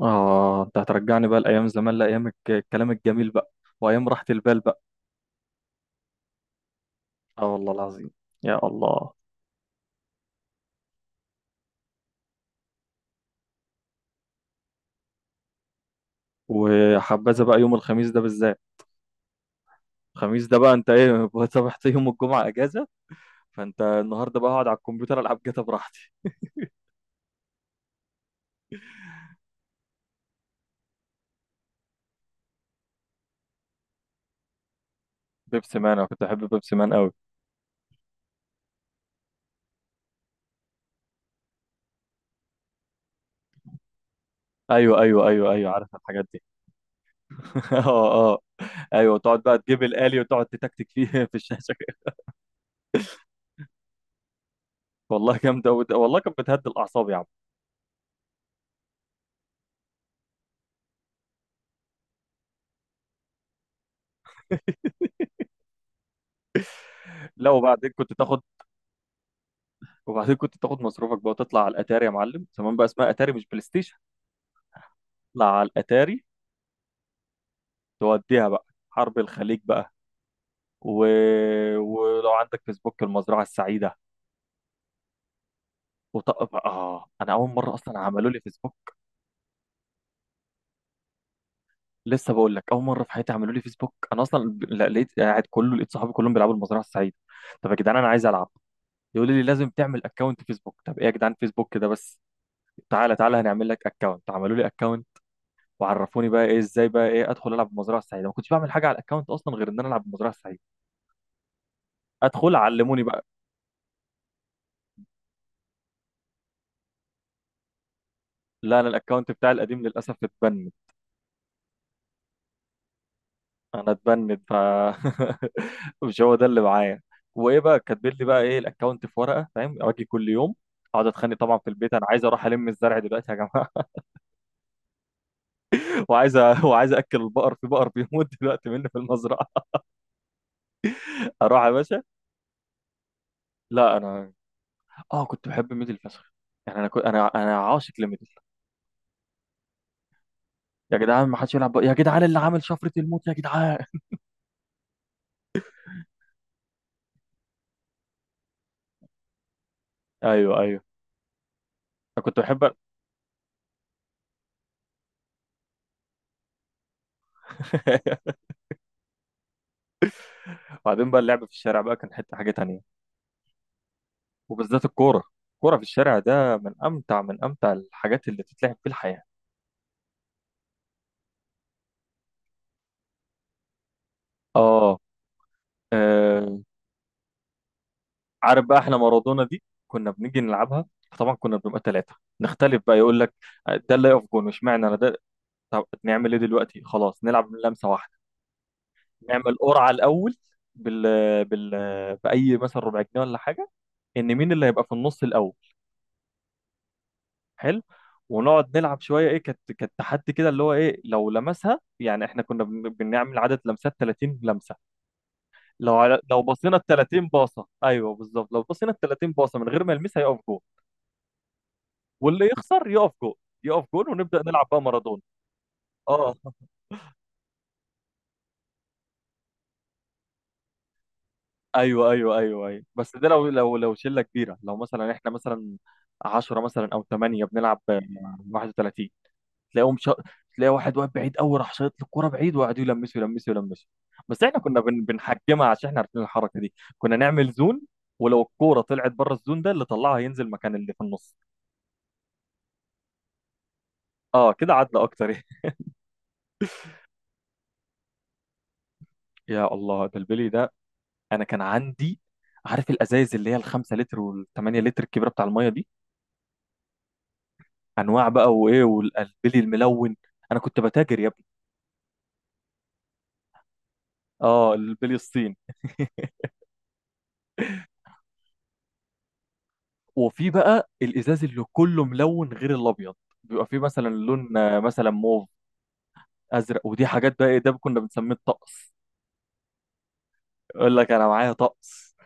آه، أنت هترجعني بقى لأيام زمان، لأيام الكلام الجميل بقى، وأيام راحة البال بقى. آه والله العظيم. يا الله. وحبذا بقى يوم الخميس ده بالذات. الخميس ده بقى أنت إيه صبحت يوم الجمعة أجازة، فأنت النهاردة بقى أقعد على الكمبيوتر ألعب جاتا براحتي. بيبسي مان، أنا كنت أحب بيبسي مان أوي. أيوه أيوه أيوه أيوه، عارف الحاجات دي. آه. آه. أيوه، تقعد بقى تجيب الآلي وتقعد تتكتك فيه في الشاشة. والله جامدة أوي ده. والله كانت بتهدي الأعصاب يا عم. لو بعدين كنت تاخد وبعدين كنت تاخد مصروفك بقى وتطلع على الاتاري، يا معلم زمان بقى اسمها اتاري مش بلاي ستيشن. تطلع على الاتاري، توديها بقى حرب الخليج بقى و... ولو عندك فيسبوك المزرعه السعيده. وطق، اه انا اول مره اصلا عملوا لي فيسبوك. لسه بقول لك اول مره في حياتي عملوا لي فيسبوك، انا اصلا لا لقيت قاعد كله، لقيت صحابي كلهم بيلعبوا المزرعه السعيده. طب يا جدعان انا عايز العب، يقولوا لي لازم تعمل اكونت فيسبوك. طب ايه يا جدعان فيسبوك ده بس؟ تعالى تعالى هنعمل لك اكونت، عملوا لي اكونت. وعرفوني بقى ايه ازاي بقى ايه ادخل العب بالمزرعه السعيده. ما كنتش بعمل حاجه على الاكونت اصلا غير ان انا العب بالمزرعه السعيده. ادخل علموني بقى. لا انا الاكونت بتاعي القديم للاسف اتبند. انا اتبند ف مش هو ده اللي معايا. وايه بقى كاتبين لي بقى ايه الاكونت في ورقه فاهم، اجي كل يوم اقعد اتخانق طبعا في البيت، انا عايز اروح الم الزرع دلوقتي يا جماعه. وعايز اكل البقر، في بقر بيموت دلوقتي مني في المزرعه. اروح يا باشا. لا انا، اه كنت بحب ميدل فشخ. يعني انا كنت انا انا عاشق لميدل. يا جدعان ما حدش يلعب يا جدعان اللي عامل شفرة الموت يا جدعان. ايوه ايوه، انا كنت بحب. وبعدين بقى اللعب في الشارع بقى كان حتة حاجة تانية. وبالذات الكورة. الكورة في الشارع ده من امتع الحاجات اللي تتلعب في الحياة. اه. آه. عارف بقى احنا مارادونا دي كنا بنيجي نلعبها. طبعا كنا بنبقى ثلاثة، نختلف بقى، يقول لك ده اللي يقف جون اشمعنى انا ده. طب نعمل ايه دلوقتي؟ خلاص نلعب من لمسة واحدة. نعمل قرعة الاول، بال... بال... بأي مثلا ربع جنيه ولا حاجة، ان مين اللي هيبقى في النص الاول. حلو. ونقعد نلعب شويه. ايه كانت تحدي كده، اللي هو ايه لو لمسها، يعني احنا بنعمل عدد لمسات 30 لمسه. لو بصينا ال 30 باصه، ايوه بالظبط، لو بصينا ال 30 باصه من غير ما يلمسها يقف جول. واللي يخسر يقف جول، يقف جول ونبدا نلعب بقى مارادونا. اه. ايوه ايوه ايوه ايوه، بس ده لو شله كبيره، لو مثلا احنا مثلا 10 مثلا او 8 بنلعب ب 31، تلاقيهم شا... تلاقي واحد واقف بعيد قوي راح شايط له الكوره بعيد، وقعدوا يلمسوا يلمسوا يلمسوا. بس احنا بنحجمها، عشان احنا عارفين الحركه دي، كنا نعمل زون. ولو الكوره طلعت بره الزون ده، اللي طلعها ينزل مكان اللي في النص. اه كده عدل اكتر. يا الله ده البلي ده. انا كان عندي، عارف الازايز اللي هي الخمسة لتر والثمانية لتر الكبيره بتاع الميه دي، انواع بقى وايه والبلي الملون، انا كنت بتاجر يا ابني. اه البلي الصين. وفي بقى الازاز اللي كله ملون غير الابيض، بيبقى فيه مثلا لون مثلا موف، ازرق، ودي حاجات بقى ايه ده كنا بنسميه الطقس. يقول لك انا معايا طقس.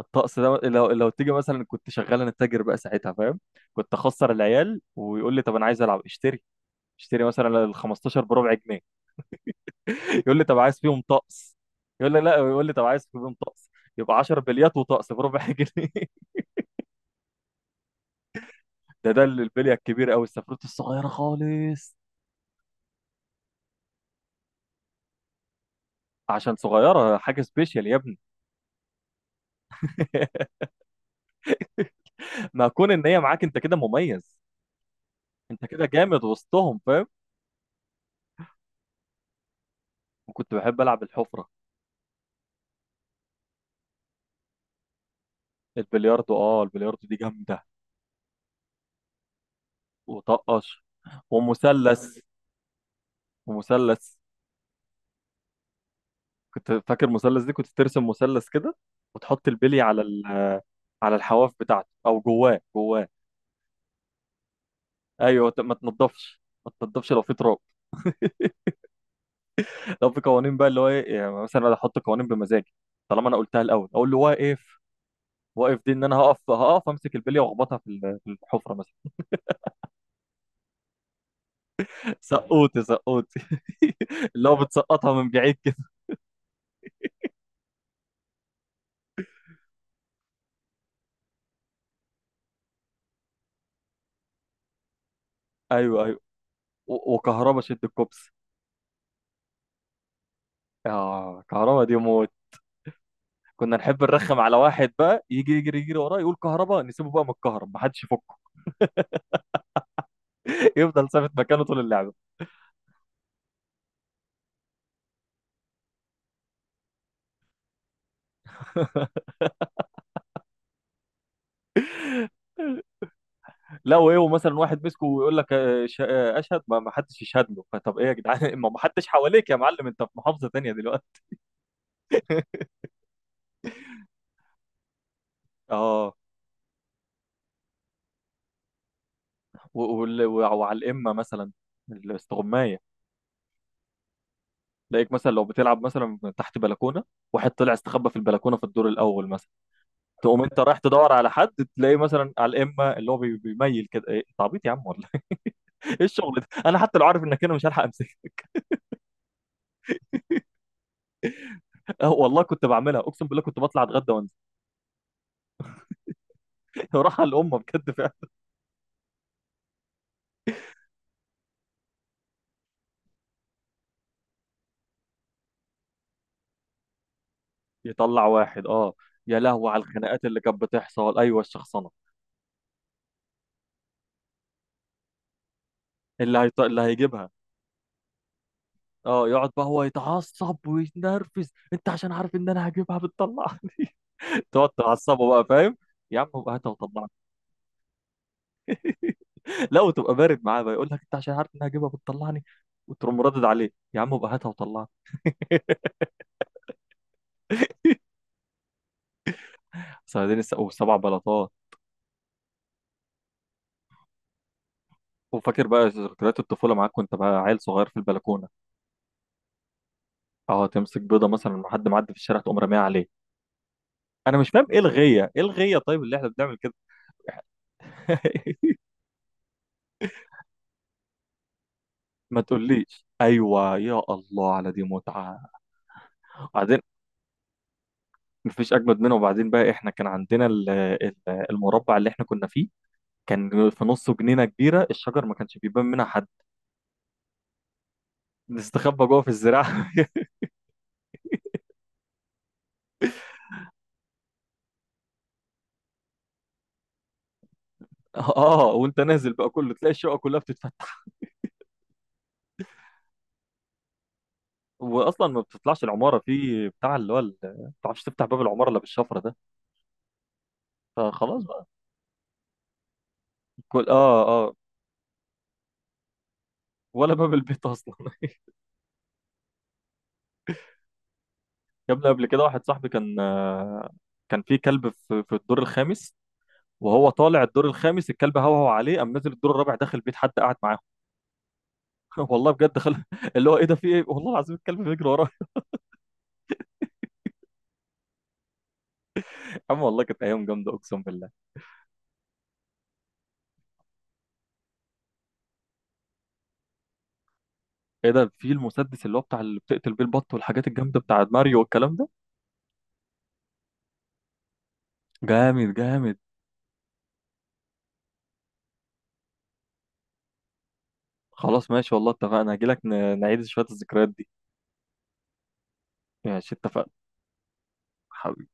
الطقس ده لو تيجي مثلا، كنت شغال انا تاجر بقى ساعتها فاهم، كنت اخسر العيال، ويقول لي طب انا عايز العب. اشتري اشتري مثلا ال 15 بربع جنيه. يقول لي طب عايز فيهم طقس. يقول لي لا، يقول لي طب عايز فيهم طقس. يبقى 10 بليات وطقس بربع جنيه. ده البليه الكبيره قوي، السفروت الصغيره خالص، عشان صغيره حاجه سبيشال يا ابني. ما كون ان هي معاك انت كده مميز، انت كده جامد وسطهم فاهم. وكنت بحب العب الحفره، البلياردو، اه البلياردو دي جامده. وطقش ومثلث ومثلث. كنت فاكر المثلث دي كنت ترسم مثلث كده وتحط البلي على ال آه، على الحواف بتاعته، او جواه جواه. ايوه ما تنضفش ما تنضفش لو في تراب. لو في قوانين بقى اللي هو ايه، يعني مثلا انا احط قوانين بمزاجي، طالما انا قلتها الاول. اقول له واقف. واقف دي ان انا هقف امسك البليه واخبطها في الحفره مثلا. سقوطي، سقوطي، اللي هو بتسقطها من بعيد كده. ايوه أيوه. وكهربا، شد الكوبس. اه كهربا دي موت. كنا نحب نرخم على واحد بقى، يجي يجري يجري وراه، يقول كهربا، نسيبه بقى متكهرب محدش يفكه. يفضل ثابت مكانه طول اللعبه. لا وايه ومثلا واحد مسكه ويقول لك اشهد، ما حدش يشهد له. فطب ايه يا جدعان ما حدش حواليك يا معلم، انت في محافظه تانيه دلوقتي. اه. وعلى الامه مثلا، الاستغمايه. تلاقيك مثلا لو بتلعب مثلا تحت بلكونه، واحد طلع استخبى في البلكونه في الدور الاول مثلا، تقوم انت رايح تدور على حد، تلاقيه مثلا على الامه اللي هو بيميل كده. ايه انت عبيط يا عم ولا ايه؟ إيه الشغل ده؟ انا حتى لو عارف انك انا مش هلحق امسكها. اه والله كنت بعملها، اقسم بالله كنت بطلع اتغدى وانزل. راح على الامه بجد فعلا. يطلع واحد اه. يا لهوي على الخناقات اللي كانت بتحصل. ايوه الشخصنه، اللي هيجيبها. اه يقعد بقى هو يتعصب ويتنرفز، انت عشان عارف ان انا هجيبها بتطلعني. تقعد تعصبه بقى فاهم. يا عم هاتها وطلعها. لا وتبقى بارد معاه بقى، يقول لك انت عشان عارف اني هجيبها بتطلعني. وتقوم ردد عليه، يا عم بقى هاتها وطلعني. صيادين وسبع بلاطات. وفاكر بقى ذكريات الطفوله معاك، وانت بقى عيل صغير في البلكونه اه، تمسك بيضه مثلا مع حد معدي في الشارع تقوم راميها عليه. انا مش فاهم ايه الغيه ايه الغيه طيب اللي احنا بنعمل كده. ما تقوليش، ايوه يا الله على دي متعه. وبعدين، مفيش اجمد منه، وبعدين بقى احنا كان عندنا المربع اللي احنا كنا فيه، كان في نصه جنينه كبيره، الشجر ما كانش بيبان منها حد، نستخبى جوه في الزراعه. اه وانت نازل بقى كله تلاقي الشقه كلها بتتفتح. واصلا ما بتطلعش العماره في بتاع اللي هو ما بتعرفش تفتح باب العماره الا بالشفره ده. فخلاص بقى. كل اه ولا باب البيت اصلا. يا ابني قبل كده واحد صاحبي كان في كلب في الدور الخامس، وهو طالع الدور الخامس الكلب هوهو عليه، قام نازل الدور الرابع داخل بيت حد قاعد معاه. والله بجد اللي هو ايه ده، في ايه، والله العظيم الكلب بيجري وراه. يا عم والله كانت ايام جامده اقسم بالله. ايه ده، في المسدس اللي هو بتاع اللي بتقتل بيه البط والحاجات الجامده بتاع ماريو والكلام ده؟ جامد جامد. خلاص ماشي والله اتفقنا، هجيلك نعيد شويه الذكريات دي. ماشي اتفقنا. حبيبي.